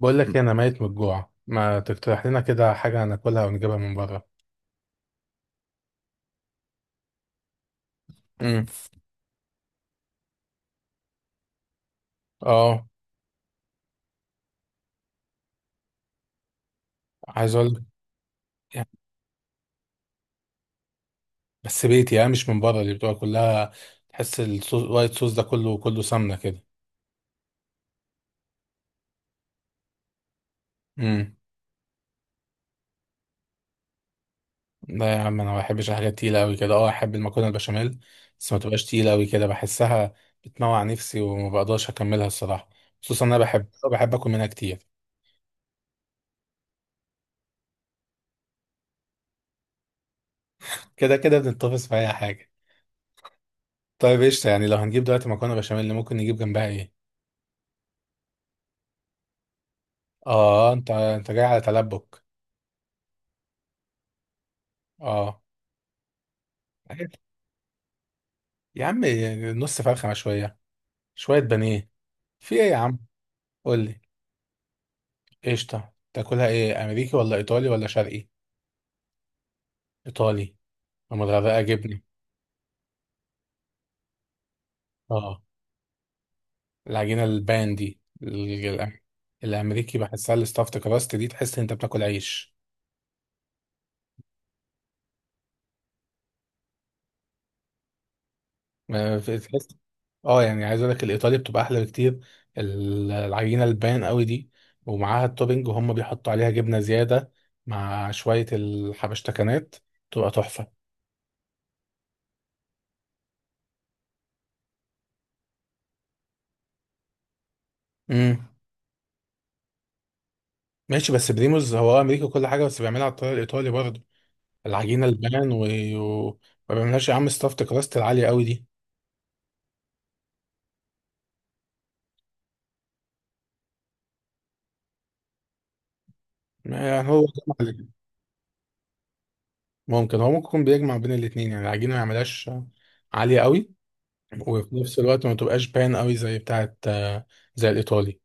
بقول لك إيه، انا ميت من الجوع. ما تقترح لنا كده حاجه ناكلها ونجيبها من بره؟ امم. اه. عايز اقول لك يعني. بس بيتي يعني، مش من بره اللي بتبقى كلها. تحس الصوص، الوايت صوص ده كله سمنه كده. امم. لا يا عم، انا ما بحبش الحاجات تقيله قوي كده. اه، احب المكرونه البشاميل، بس ما تبقاش تقيله قوي كده. بحسها بتموع نفسي، وما بقدرش اكملها الصراحه. خصوصا انا بحب اكل منها كتير. كده كده بنتفق في اي حاجه. طيب قشطه، يعني لو هنجيب دلوقتي مكرونه بشاميل، ممكن نجيب جنبها ايه؟ اه، انت جاي على تلبك. اه. عارف؟ يا عم، نص فرخة، شوية شوية بانيه. في ايه يا عم؟ قول لي. قشطة، تاكلها ايه، امريكي ولا ايطالي ولا شرقي؟ ايطالي، ومتغرقة جبنة. اه، العجينة البان دي، الامريكي بحسها الستافت كراست دي، تحس إن انت بتاكل عيش. تحس. اه يعني، عايز اقول لك الايطالي بتبقى احلى بكتير، العجينه البان قوي دي، ومعاها التوبينج، وهم بيحطوا عليها جبنه زياده مع شويه الحبشتكنات، تبقى تحفه. امم. ماشي، بس بريموز هو امريكي وكل حاجه، بس بيعملها على الطريقه الايطالي برضه. العجينه البان و... ما بيعملهاش يا عم ستافت كراست العاليه قوي دي. ما يعني هو جمع ال- ممكن هو، ممكن يكون بيجمع بين الاثنين. يعني العجينه ما يعملهاش عاليه قوي، وفي نفس الوقت ما تبقاش بان قوي زي بتاعه، زي الايطالي.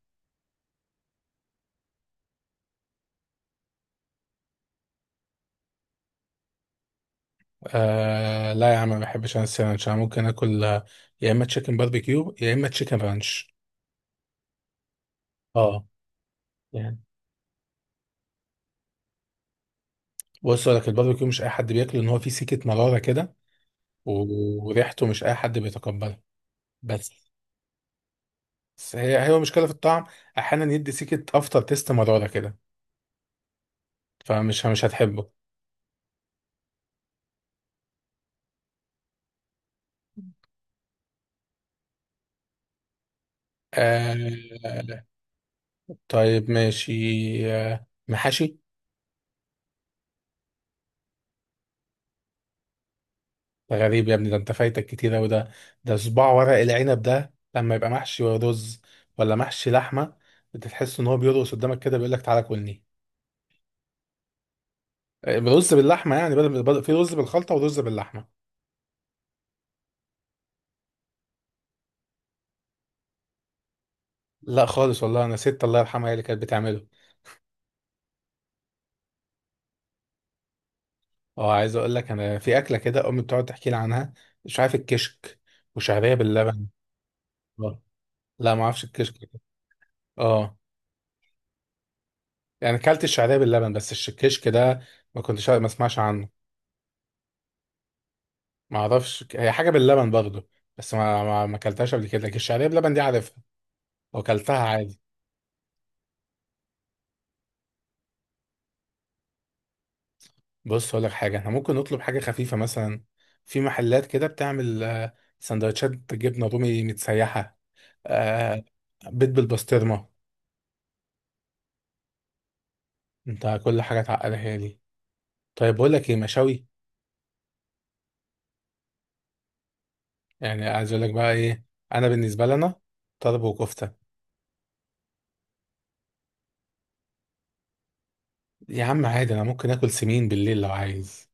آه لا يا عم، ما بحبش انا الساندوتش. انا ممكن اكل، يا اما تشيكن باربيكيو يا اما تشيكن رانش. اه يعني، بص اقول لك الباربيكيو، مش اي حد بياكله، ان هو فيه سكه مراره كده، وريحته مش اي حد بيتقبلها. بس بس، هي مشكله في الطعم. احيانا يدي سكه افتر تيست مراره كده، فمش مش هتحبه. آه. طيب ماشي، آه محاشي. ده غريب يا ابني، ده انت فايتك كتير اوي ده. ده صباع ورق العنب ده، لما يبقى محشي رز ولا محشي لحمه، انت تحس ان هو بيرقص قدامك كده، بيقول لك تعالى كلني. رز باللحمه يعني، في رز بالخلطه ورز باللحمه. لا خالص والله، انا ست الله يرحمها هي اللي كانت بتعمله. اه، عايز اقول لك انا في اكله كده امي بتقعد تحكي لي عنها، مش عارف الكشك، وشعريه باللبن. آه. لا ما اعرفش الكشك ده. اه يعني، كلت الشعريه باللبن، بس الكشك ده ما كنتش ما اسمعش عنه. ما اعرفش، هي حاجه باللبن برضه، بس ما اكلتهاش قبل كده، لكن الشعريه بلبن دي عارفها واكلتها عادي. بص اقول لك حاجه، احنا ممكن نطلب حاجه خفيفه مثلا. في محلات كده بتعمل، سندوتشات جبنه رومي متسيحه، آه، بيض بالبسطرمه. انت كل حاجه تعقلها دي. طيب بقول لك ايه، مشاوي. يعني عايز اقول لك بقى ايه، انا بالنسبه لنا طرب وكفته. يا عم عادي، انا ممكن اكل سمين بالليل لو عايز.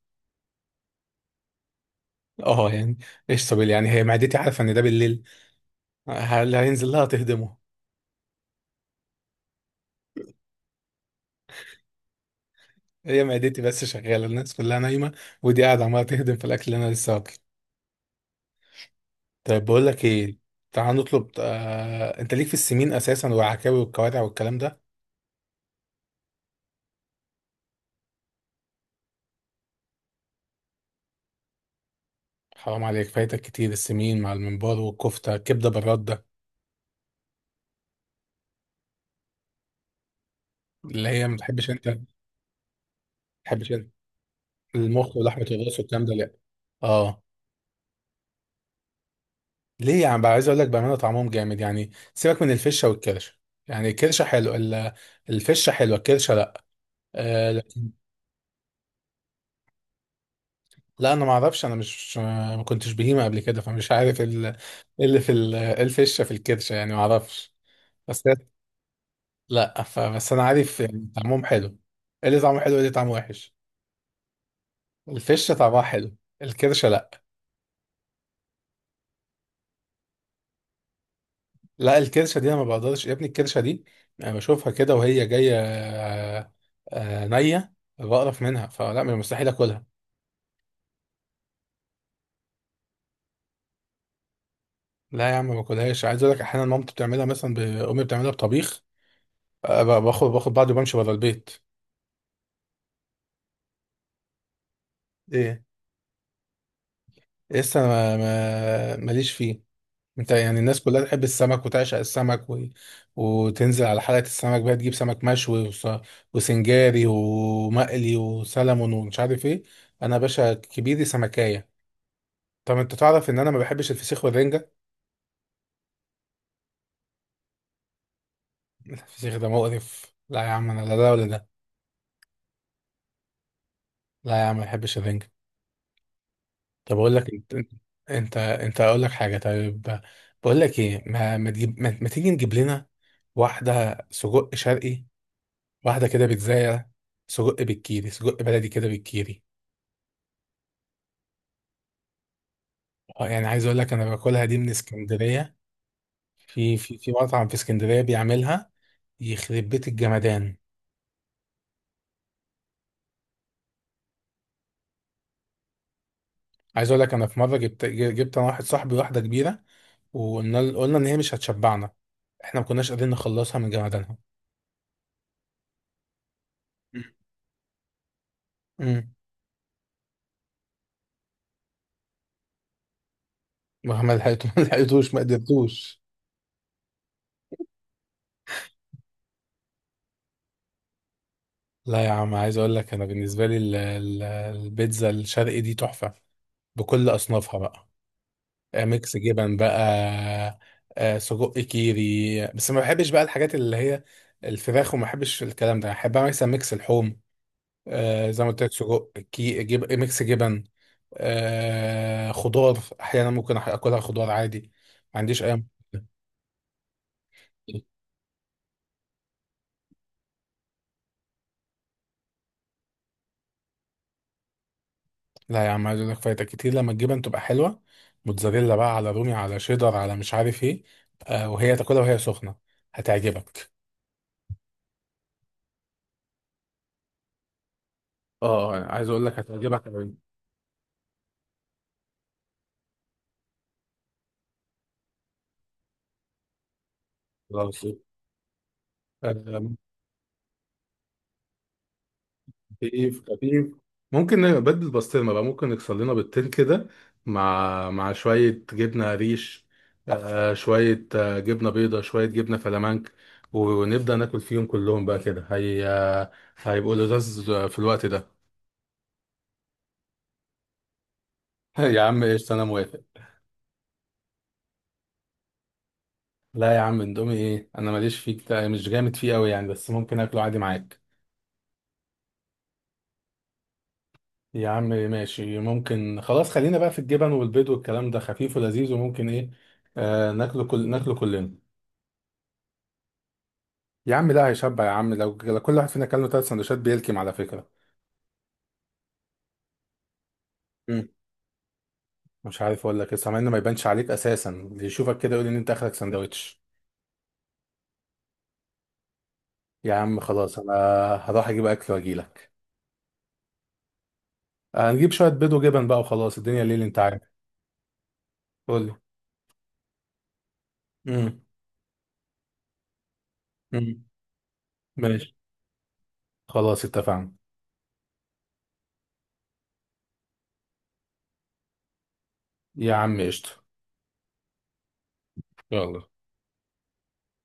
اه يعني، ايش طب يعني، هي معدتي عارفه ان ده بالليل اللي هينزل لها تهدمه؟ هي معدتي بس شغاله، الناس كلها نايمه، ودي قاعده عماله تهدم في الاكل اللي انا لسه واكله. طيب بقول لك ايه، تعال نطلب، انت ليك في السمين اساسا، والعكاوي والكوارع والكلام ده. حرام عليك فايتك كتير، السمين مع الممبار والكفته، الكبده بالرده. اللي هي ما بتحبش انت المخ ولحمه الراس والكلام ده لا. اه ليه يعني بقى، عايز اقول لك بامانه طعمهم جامد، يعني سيبك من الفشه والكرشه، يعني الكرشه حلو، الفشه حلوه، الكرشه لا. آه. لا انا ما اعرفش، انا مش ما كنتش بهيمه قبل كده، فمش عارف ال- إيه اللي في ال- إيه الفشه في الكرشه يعني، ما اعرفش. بس هي- لا فبس انا عارف يعني طعمهم حلو. إيه اللي طعمه حلو، إيه اللي طعمه وحش؟ الفشه طعمها حلو، الكرشه لا. لا الكرشه دي انا ما بقدرش يا ابني، الكرشه دي انا بشوفها كده وهي جايه، نيه، بقرف منها، فلا، من المستحيل اكلها. لا يا عم، ما باكلهاش. عايز اقول لك احيانا مامتي بتعملها مثلا، امي بتعملها بطبيخ، باخد بعضي وبمشي بره البيت. ايه؟ لسه ماليش فيه. انت يعني الناس كلها تحب السمك وتعشق السمك وتنزل على حلقة السمك بقى، تجيب سمك مشوي وسنجاري ومقلي وسلمون ومش عارف ايه. انا يا باشا كبيري سمكاية. طب انت تعرف ان انا ما بحبش الفسيخ والرنجة. الفسيخ ده مقرف، لا يا عم، انا لا ده ولا ده. لا يا عم ما بحبش الرنجة. طب اقول لك انت، انت اقول لك حاجة طيب. بقول لك ايه، ما ما, تجيب... ما... ما تيجي نجيب لنا واحدة سجق شرقي، واحدة كده بيتزاية. سجق بالكيري، سجق بلدي كده بالكيري. يعني عايز اقول لك انا باكلها دي من اسكندرية. في مطعم في اسكندرية بيعملها، يخرب بيت الجمدان. عايز اقول لك، انا في مرة جبت انا واحد صاحبي واحدة كبيرة، وقلنا ان هي مش هتشبعنا. احنا ما كناش قادرين نخلصها من جمدانها. امم. ما لحقتوش ما لحقتوش ما قدرتوش. لا يا عم، عايز اقول لك انا بالنسبة لي البيتزا الشرقي دي تحفة، بكل اصنافها بقى. ميكس جبن بقى، سجق كيري. بس ما بحبش بقى الحاجات اللي هي الفراخ، وما بحبش الكلام ده، بحب اعمل مثلا ميكس اللحوم، زي ما قلت لك سجق كي، جيب ميكس جبن، خضار. احيانا ممكن اكلها خضار عادي، ما عنديش اي مشكلة. لا يا عم، عايز اقول لك فايتك كتير لما الجبن تبقى حلوه، موتزاريلا بقى، على رومي على شيدر على مش عارف ايه، وهي تاكلها وهي سخنه، هتعجبك. اه عايز اقول لك هتعجبك أوي. خلاص. آه، خفيف. خفيف، ممكن نبدل بسطرمة بقى، ممكن نكسر لنا بيضتين كده، مع شوية جبنة ريش، آه شوية آه جبنة بيضة، شوية جبنة فلامنك، ونبدأ ناكل فيهم كلهم بقى كده، هي، هيبقوا لذاذ في الوقت ده. يا عم ايش، انا موافق. لا يا عم اندومي ايه، انا ماليش فيه كتير، مش جامد فيه قوي يعني، بس ممكن اكله عادي معاك. يا عم ماشي ممكن، خلاص خلينا بقى في الجبن والبيض والكلام ده، خفيف ولذيذ، وممكن ايه، آه، ناكله كلنا. يا عم ده هيشبع يا عم، لو كل واحد فينا كان له ثلاث سندوتشات بيلكم على فكره. مم. مش عارف اقول لك لسه، مع انه ما يبانش عليك اساسا، اللي يشوفك كده يقول ان انت اخرك سندوتش. يا عم خلاص، انا هروح اجيب اكل واجيلك. هنجيب شويه بيض وجبن بقى وخلاص، الدنيا ليل انت عارف. قول لي. مم. مم. ماشي خلاص اتفقنا. يا عم قشطه، يلا.